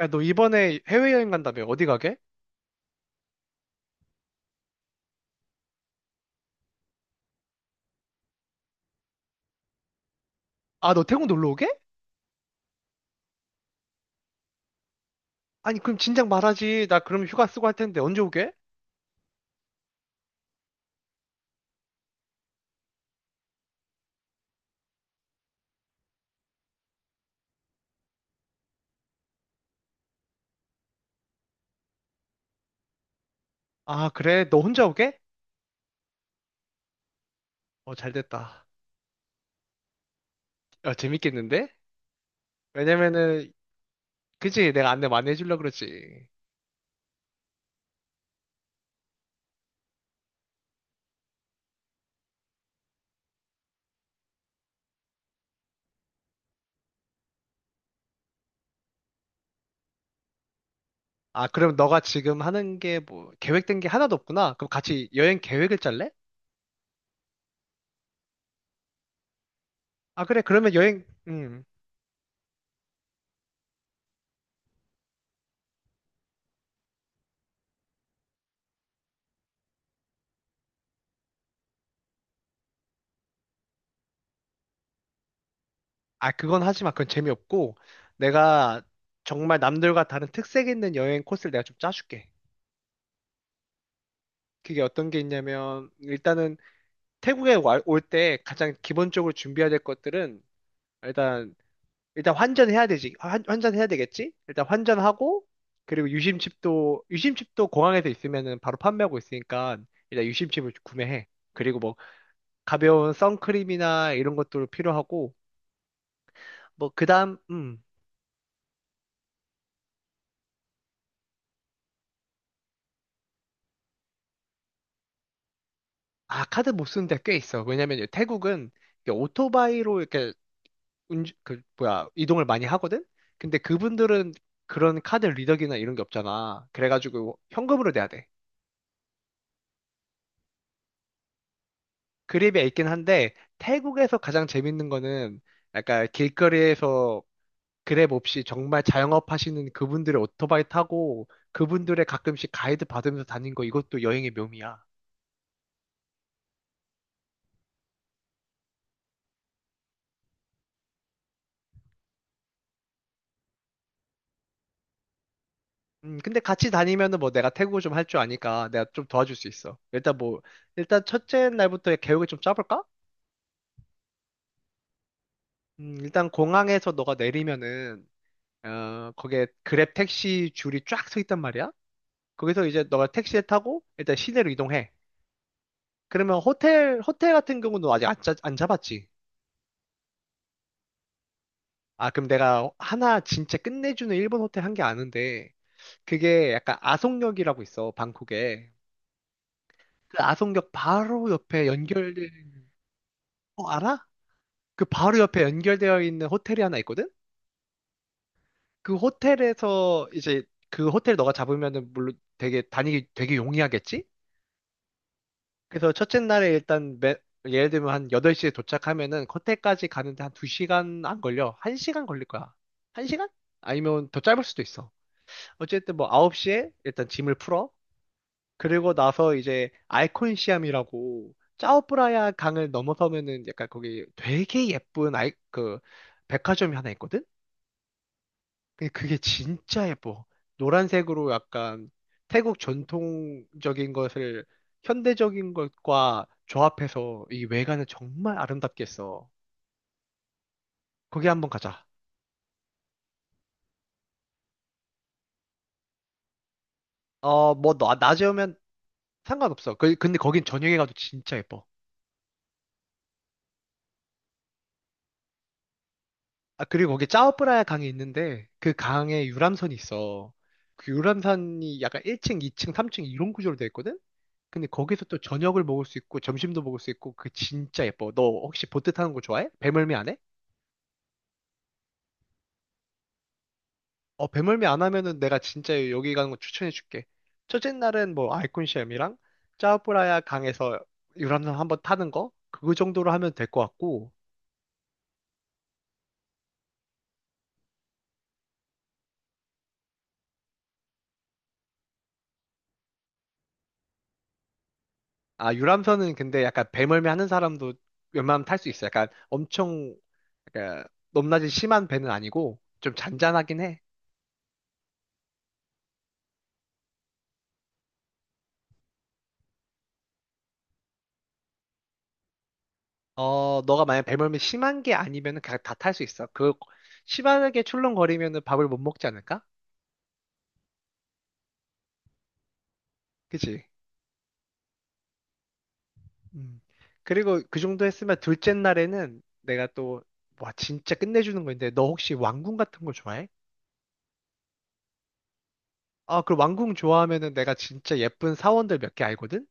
야, 너 이번에 해외여행 간다며? 어디 가게? 아, 너 태국 놀러 오게? 아니, 그럼 진작 말하지. 나 그럼 휴가 쓰고 할 텐데 언제 오게? 아, 그래? 너 혼자 오게? 어, 잘 됐다. 야, 재밌겠는데? 왜냐면은, 그지? 내가 안내 많이 해주려고 그러지. 아, 그럼 너가 지금 하는 게 뭐, 계획된 게 하나도 없구나. 그럼 같이 여행 계획을 짤래? 아, 그래. 그러면 여행, 아, 그건 하지 마. 그건 재미없고. 내가 정말 남들과 다른 특색 있는 여행 코스를 내가 좀 짜줄게. 그게 어떤 게 있냐면, 일단은, 태국에 올 때 가장 기본적으로 준비해야 될 것들은 일단 일단 환전해야 되지. 환전해야 되겠지? 일단 환전하고 그리고 유심칩도 공항에서 있으면은 바로 판매하고 있으니까 일단 유심칩을 구매해. 그리고 뭐 가벼운 선크림이나 이런 것도 필요하고 뭐 그다음 아, 카드 못 쓰는 데 꽤 있어. 왜냐면 태국은 이게 오토바이로 이렇게 이동을 많이 하거든? 근데 그분들은 그런 카드 리더기나 이런 게 없잖아. 그래가지고 현금으로 내야 돼. 그랩이 있긴 한데, 태국에서 가장 재밌는 거는 약간 길거리에서 그랩 없이 정말 자영업 하시는 그분들의 오토바이 타고 그분들의 가끔씩 가이드 받으면서 다닌 거 이것도 여행의 묘미야. 근데 같이 다니면은 뭐 내가 태국어 좀 할 줄 아니까 내가 좀 도와줄 수 있어. 일단 뭐, 일단 첫째 날부터 계획을 좀 짜볼까? 일단 공항에서 너가 내리면은 어, 거기에 그랩 택시 줄이 쫙 서 있단 말이야. 거기서 이제 너가 택시를 타고 일단 시내로 이동해. 그러면 호텔 같은 경우는 아직 안, 짜- 안 잡았지. 아, 그럼 내가 하나 진짜 끝내주는 일본 호텔 한 게 아는데, 그게 약간 아송역이라고 있어, 방콕에. 그 아송역 바로 옆에 연결된, 어, 알아? 그 바로 옆에 연결되어 있는 호텔이 하나 있거든? 그 호텔에서 이제 그 호텔 너가 잡으면은 물론 되게 다니기 되게 용이하겠지? 그래서 첫째 날에 예를 들면 한 8시에 도착하면은 코테까지 가는데 한 2시간 안 걸려. 1시간 걸릴 거야. 1시간? 아니면 더 짧을 수도 있어. 어쨌든 뭐 9시에 일단 짐을 풀어. 그리고 나서 이제 아이콘 시암이라고 짜오프라야 강을 넘어서면은 약간 거기 되게 예쁜 아이 그 백화점이 하나 있거든. 근데 그게 진짜 예뻐. 노란색으로 약간 태국 전통적인 것을 현대적인 것과 조합해서 이 외관을 정말 아름답게 했어. 거기 한번 가자. 어, 뭐, 낮에 오면 상관없어. 근데 거긴 저녁에 가도 진짜 예뻐. 아, 그리고 거기 짜오프라야 강이 있는데 그 강에 유람선이 있어. 그 유람선이 약간 1층, 2층, 3층 이런 구조로 돼 있거든? 근데 거기서 또 저녁을 먹을 수 있고 점심도 먹을 수 있고 그게 진짜 예뻐. 너 혹시 보트 타는 거 좋아해? 배멀미 안 해? 어, 배멀미 안 하면은 내가 진짜 여기 가는 거 추천해 줄게. 첫째 날은 뭐 아이콘시엠이랑 짜오프라야 강에서 유람선 한번 타는 거? 그 정도로 하면 될 것 같고. 아, 유람선은 근데 약간 배멀미 하는 사람도 웬만하면 탈 수 있어. 약간 엄청, 약간 높낮이 심한 배는 아니고 좀 잔잔하긴 해. 어, 너가 만약 배멀미 심한 게 아니면은 그냥 다 탈 수 있어. 그, 심하게 출렁거리면은 밥을 못 먹지 않을까? 그치? 음. 그리고 그 정도 했으면 둘째 날에는 내가 또, 와, 진짜 끝내주는 거 있는데, 너 혹시 왕궁 같은 거 좋아해? 아, 그 왕궁 좋아하면은 내가 진짜 예쁜 사원들 몇 개 알거든?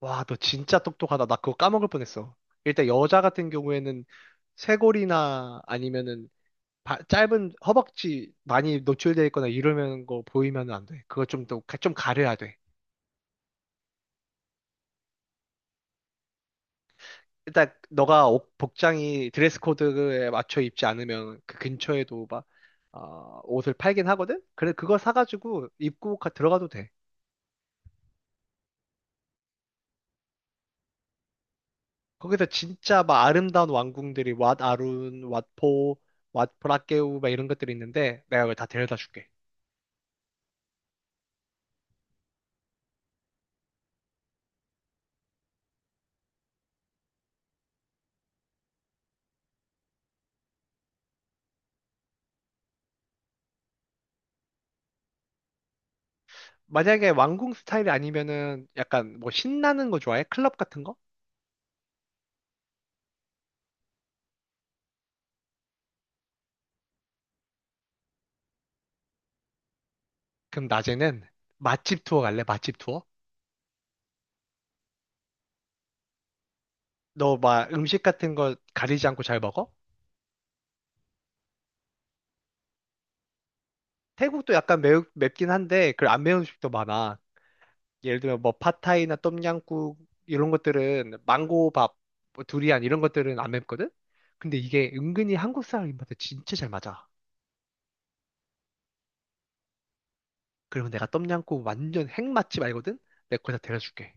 와, 너 진짜 똑똑하다. 나 그거 까먹을 뻔했어. 일단 여자 같은 경우에는 쇄골이나 아니면은 짧은 허벅지 많이 노출돼 있거나 이러는 거 보이면 안 돼. 그거 좀 더, 좀 가려야 돼. 일단 너가 복장이 드레스 코드에 맞춰 입지 않으면 그 근처에도 막 어, 옷을 팔긴 하거든. 그래 그거 사가지고 입고 들어가도 돼. 거기서 진짜 막 아름다운 왕궁들이 왓 아룬, 왓포, 왓 브라케우 막 이런 것들이 있는데 내가 그걸 다 데려다 줄게. 만약에 왕궁 스타일이 아니면은 약간 뭐 신나는 거 좋아해? 클럽 같은 거? 그럼 낮에는 맛집 투어 갈래? 맛집 투어? 너 막 음식 같은 거 가리지 않고 잘 먹어? 태국도 약간 맵긴 한데 그 안 매운 음식도 많아. 예를 들면 뭐 팟타이나 똠양꿍 이런 것들은 망고밥, 뭐 두리안 이런 것들은 안 맵거든? 근데 이게 은근히 한국 사람 입맛에 진짜 잘 맞아. 그리고 내가 똠양꿍 완전 핵맛집 알거든? 내가 거기다 데려줄게.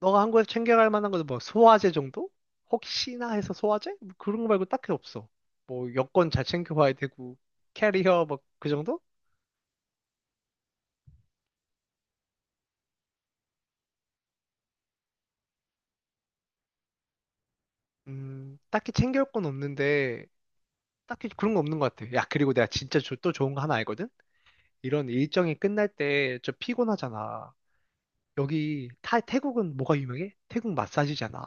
너가 한국에서 챙겨갈 만한 거는 뭐 소화제 정도? 혹시나 해서 소화제? 뭐 그런 거 말고 딱히 없어. 뭐 여권 잘 챙겨와야 되고 캐리어 뭐 그 정도? 딱히 챙겨올 건 없는데 딱히 그런 거 없는 것 같아. 야, 그리고 내가 진짜 또 좋은 거 하나 알거든? 이런 일정이 끝날 때 좀 피곤하잖아. 여기 태국은 뭐가 유명해? 태국 마사지잖아.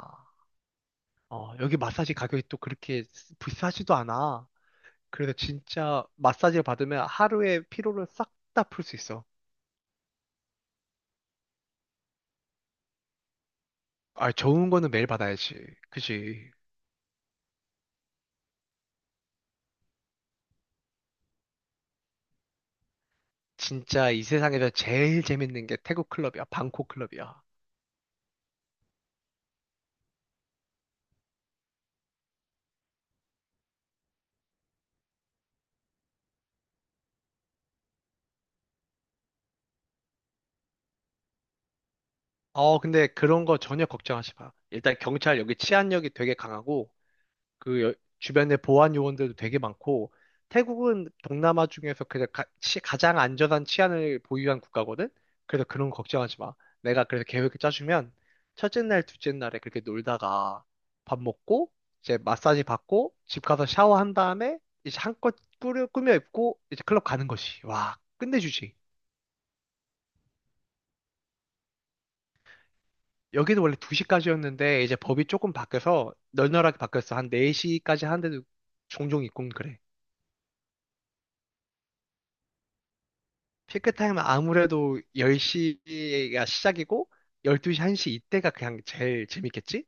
어, 여기 마사지 가격이 또 그렇게 비싸지도 않아. 그래서 진짜 마사지를 받으면 하루의 피로를 싹 다 풀 수 있어. 아, 좋은 거는 매일 받아야지. 그지? 진짜 이 세상에서 제일 재밌는 게 태국 클럽이야. 방콕 클럽이야. 어, 근데 그런 거 전혀 걱정하지 마. 일단 경찰 여기 치안력이 되게 강하고 그 여- 주변에 보안 요원들도 되게 많고 태국은 동남아 중에서 장 안전한 치안을 보유한 국가거든. 그래서 그런 거 걱정하지 마. 내가 그래서 계획을 짜주면 첫째 날, 둘째 날에 그렇게 놀다가 밥 먹고 이제 마사지 받고 집 가서 샤워한 다음에 이제 한껏 꾸며 입고 이제 클럽 가는 거지 와, 끝내주지. 여기도 원래 2시까지였는데 이제 법이 조금 바뀌어서 널널하게 바뀌었어. 한 4시까지 하는데도 종종 있고 그래. 피크타임은 아무래도 10시가 시작이고 12시, 1시 이때가 그냥 제일 재밌겠지?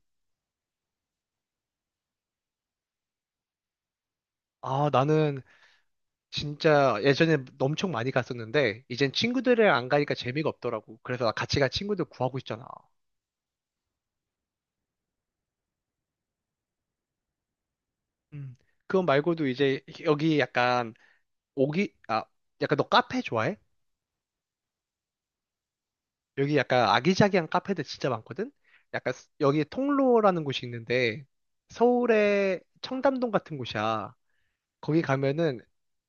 아, 나는 진짜 예전에 엄청 많이 갔었는데 이젠 친구들이랑 안 가니까 재미가 없더라고. 그래서 나 같이 갈 친구들 구하고 있잖아. 음. 그거 말고도 이제 여기 약간 오기 아, 약간 너 카페 좋아해? 여기 약간 아기자기한 카페들 진짜 많거든? 약간 여기 통로라는 곳이 있는데 서울의 청담동 같은 곳이야. 거기 가면은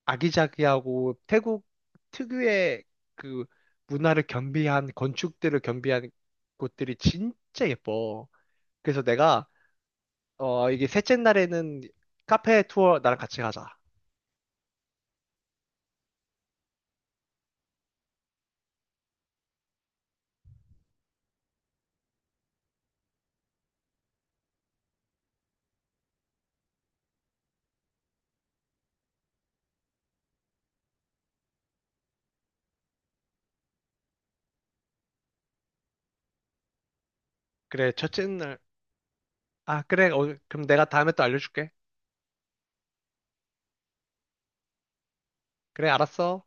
아기자기하고 태국 특유의 그 문화를 겸비한 건축들을 겸비한 곳들이 진짜 예뻐. 그래서 내가 어 이게 셋째 날에는 카페 투어 나랑 같이 가자. 그래, 첫째 날. 아, 그래. 어, 그럼 내가 다음에 또 알려줄게. 그래, 알았어.